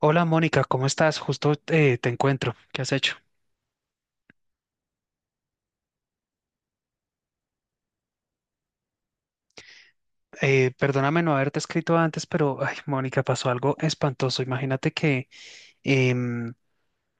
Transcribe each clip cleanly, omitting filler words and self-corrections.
Hola Mónica, ¿cómo estás? Justo te encuentro. ¿Qué has hecho? Perdóname no haberte escrito antes, pero ay, Mónica, pasó algo espantoso. Imagínate que em,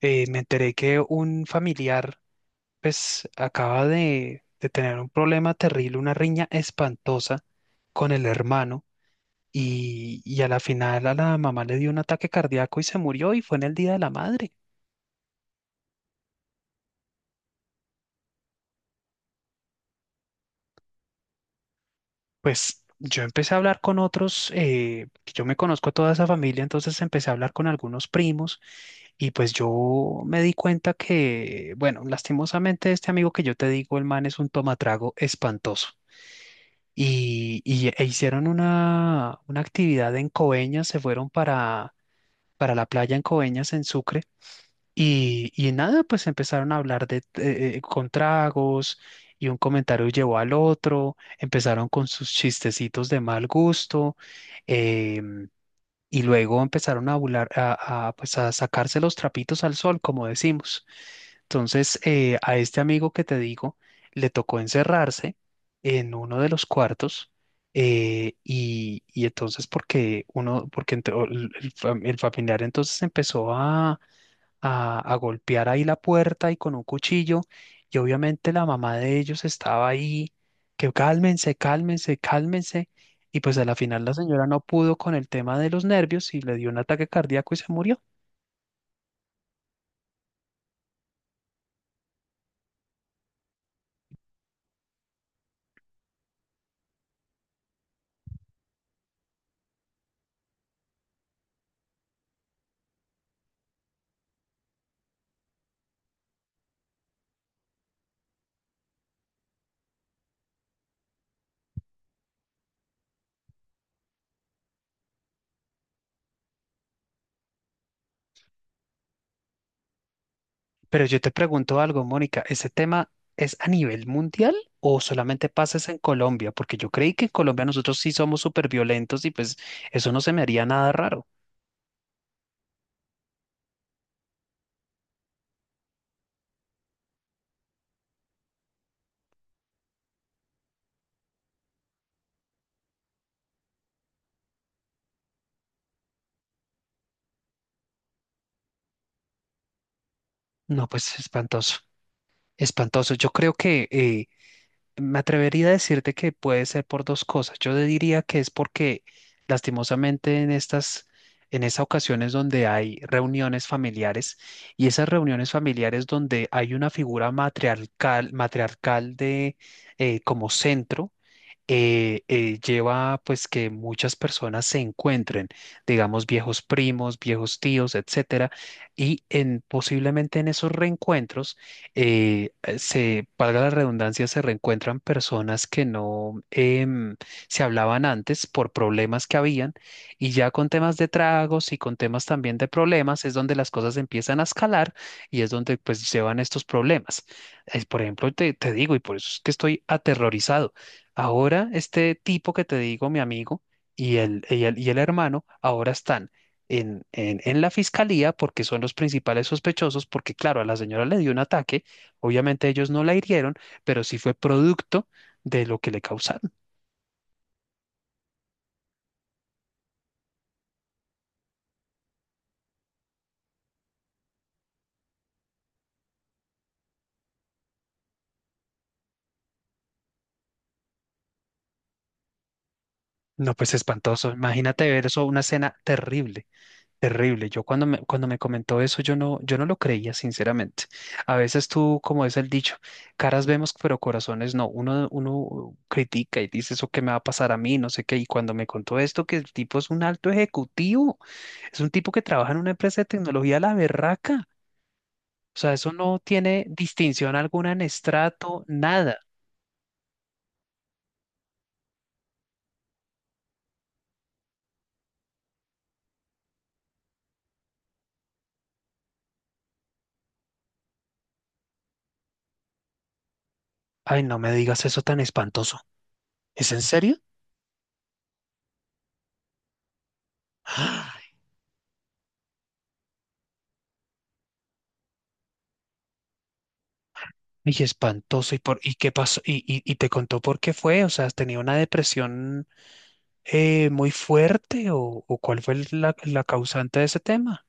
me enteré que un familiar pues acaba de tener un problema terrible, una riña espantosa con el hermano y a la final a la mamá le dio un ataque cardíaco y se murió y fue en el Día de la Madre. Pues yo empecé a hablar con otros, que yo me conozco a toda esa familia, entonces empecé a hablar con algunos primos y pues yo me di cuenta que, bueno, lastimosamente este amigo que yo te digo, el man es un tomatrago espantoso. E hicieron una actividad en Coveñas, se fueron para la playa en Coveñas, en Sucre. Y nada, pues empezaron a hablar de con tragos y un comentario llevó al otro, empezaron con sus chistecitos de mal gusto, em, y luego empezaron a, bular- a, pues a sacarse los trapitos al sol, como decimos. Entonces, a este amigo que te digo, le tocó encerrarse en uno de los cuartos, y entonces porque uno, porque el familiar entonces empezó a golpear ahí la puerta y con un cuchillo. Y obviamente la mamá de ellos estaba ahí, que cálmense, cálmense, cálmense. Y pues a la final la señora no pudo con el tema de los nervios y le dio un ataque cardíaco y se murió. Pero yo te pregunto algo, Mónica, ¿ese tema es a nivel mundial o solamente pasa es en Colombia? Porque yo creí que en Colombia nosotros sí somos súper violentos y pues eso no se me haría nada raro. No, pues espantoso, espantoso. Yo creo que me atrevería a decirte que puede ser por dos cosas. Yo te diría que es porque lastimosamente en en esas ocasiones donde hay reuniones familiares y esas reuniones familiares donde hay una figura matriarcal, matriarcal de como centro, lleva pues que muchas personas se encuentren, digamos viejos primos, viejos tíos, etcétera, posiblemente en esos reencuentros, valga la redundancia, se reencuentran personas que no se hablaban antes por problemas que habían, y ya con temas de tragos y con temas también de problemas es donde las cosas empiezan a escalar y es donde pues llevan estos problemas. Por ejemplo, te digo, y por eso es que estoy aterrorizado. Ahora este tipo que te digo, mi amigo, y el hermano, ahora están en la fiscalía porque son los principales sospechosos, porque claro, a la señora le dio un ataque, obviamente ellos no la hirieron, pero sí fue producto de lo que le causaron. No, pues espantoso. Imagínate ver eso, una escena terrible. Terrible. Yo cuando me comentó eso, yo no lo creía, sinceramente. A veces tú, como es el dicho, caras vemos, pero corazones no. Uno critica y dice eso que me va a pasar a mí, no sé qué. Y cuando me contó esto, que el tipo es un alto ejecutivo, es un tipo que trabaja en una empresa de tecnología a la berraca. O sea, eso no tiene distinción alguna en estrato, nada. Ay, no me digas eso tan espantoso. ¿Es en serio? Y espantoso. ¿Y, y qué pasó? ¿Y, y te contó por qué fue? O sea, ¿tenía una depresión muy fuerte o cuál fue la causante de ese tema?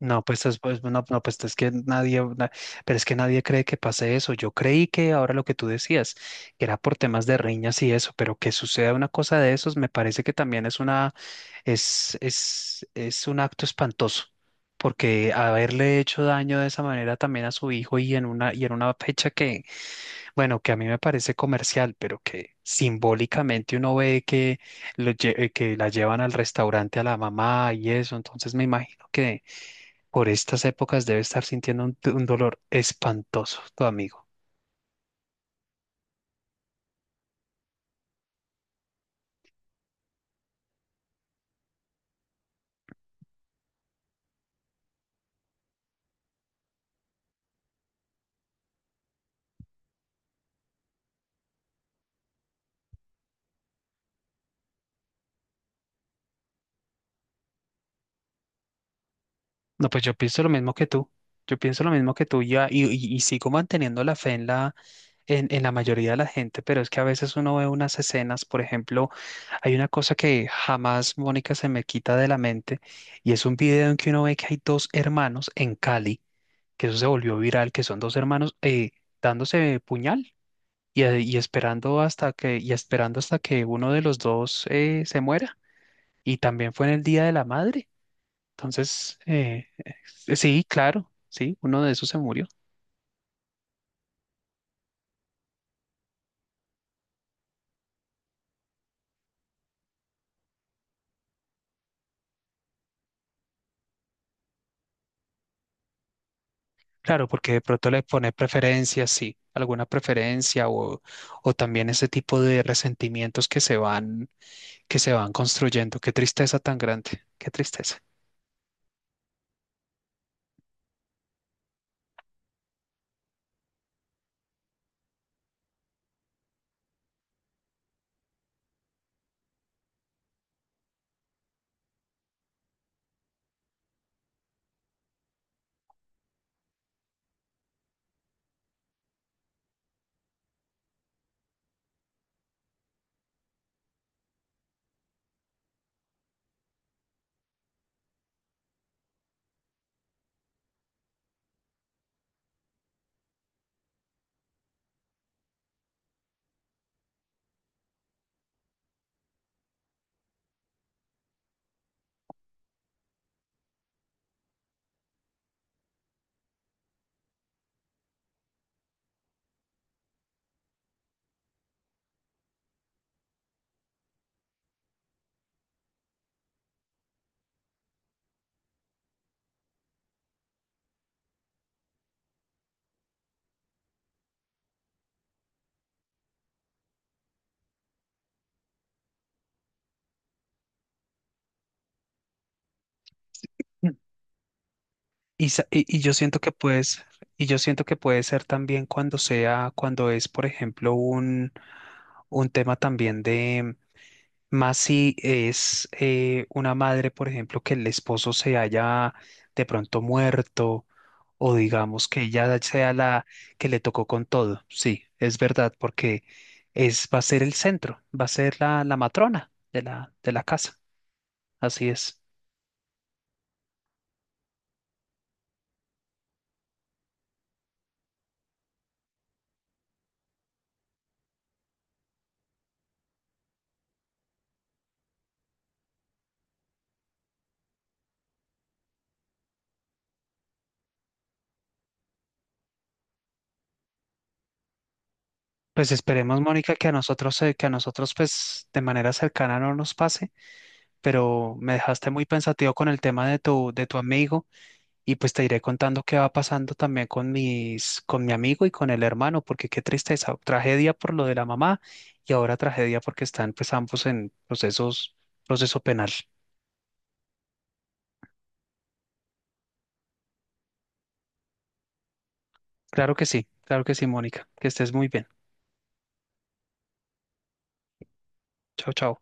No, pues, es, pues, no, pues es que nadie, na- pero es que nadie cree que pase eso. Yo creí que ahora lo que tú decías, que era por temas de riñas y eso, pero que suceda una cosa de esos, me parece que también es es un acto espantoso, porque haberle hecho daño de esa manera también a su hijo y en y en una fecha que bueno, que a mí me parece comercial, pero que simbólicamente uno ve que, que la llevan al restaurante a la mamá y eso, entonces me imagino que por estas épocas debe estar sintiendo un dolor espantoso tu amigo. No, pues yo pienso lo mismo que tú. Yo pienso lo mismo que tú ya, y sigo manteniendo la fe en en la mayoría de la gente, pero es que a veces uno ve unas escenas, por ejemplo, hay una cosa que jamás, Mónica, se me quita de la mente, y es un video en que uno ve que hay dos hermanos en Cali, que eso se volvió viral, que son dos hermanos, dándose puñal y esperando hasta y esperando hasta que uno de los dos se muera. Y también fue en el Día de la Madre. Entonces, sí, claro, sí, uno de esos se murió. Claro, porque de pronto le pone preferencia, sí, alguna preferencia o también ese tipo de resentimientos que se van construyendo. Qué tristeza tan grande, qué tristeza. Mm. Y, y yo siento que y yo siento que puede ser también cuando sea, cuando es, por ejemplo, un tema también. Más si es una madre, por ejemplo, que el esposo se haya de pronto muerto o digamos que ella sea la que le tocó con todo. Sí, es verdad, porque es, va a ser el centro, va a ser la matrona de de la casa. Así es. Pues esperemos, Mónica, que a nosotros, pues, de manera cercana no nos pase, pero me dejaste muy pensativo con el tema de de tu amigo. Y pues te iré contando qué va pasando también con mis, con mi amigo y con el hermano, porque qué tristeza, tragedia por lo de la mamá y ahora tragedia porque están pues ambos en procesos, proceso penal. Claro que sí, Mónica, que estés muy bien. Chao, chao.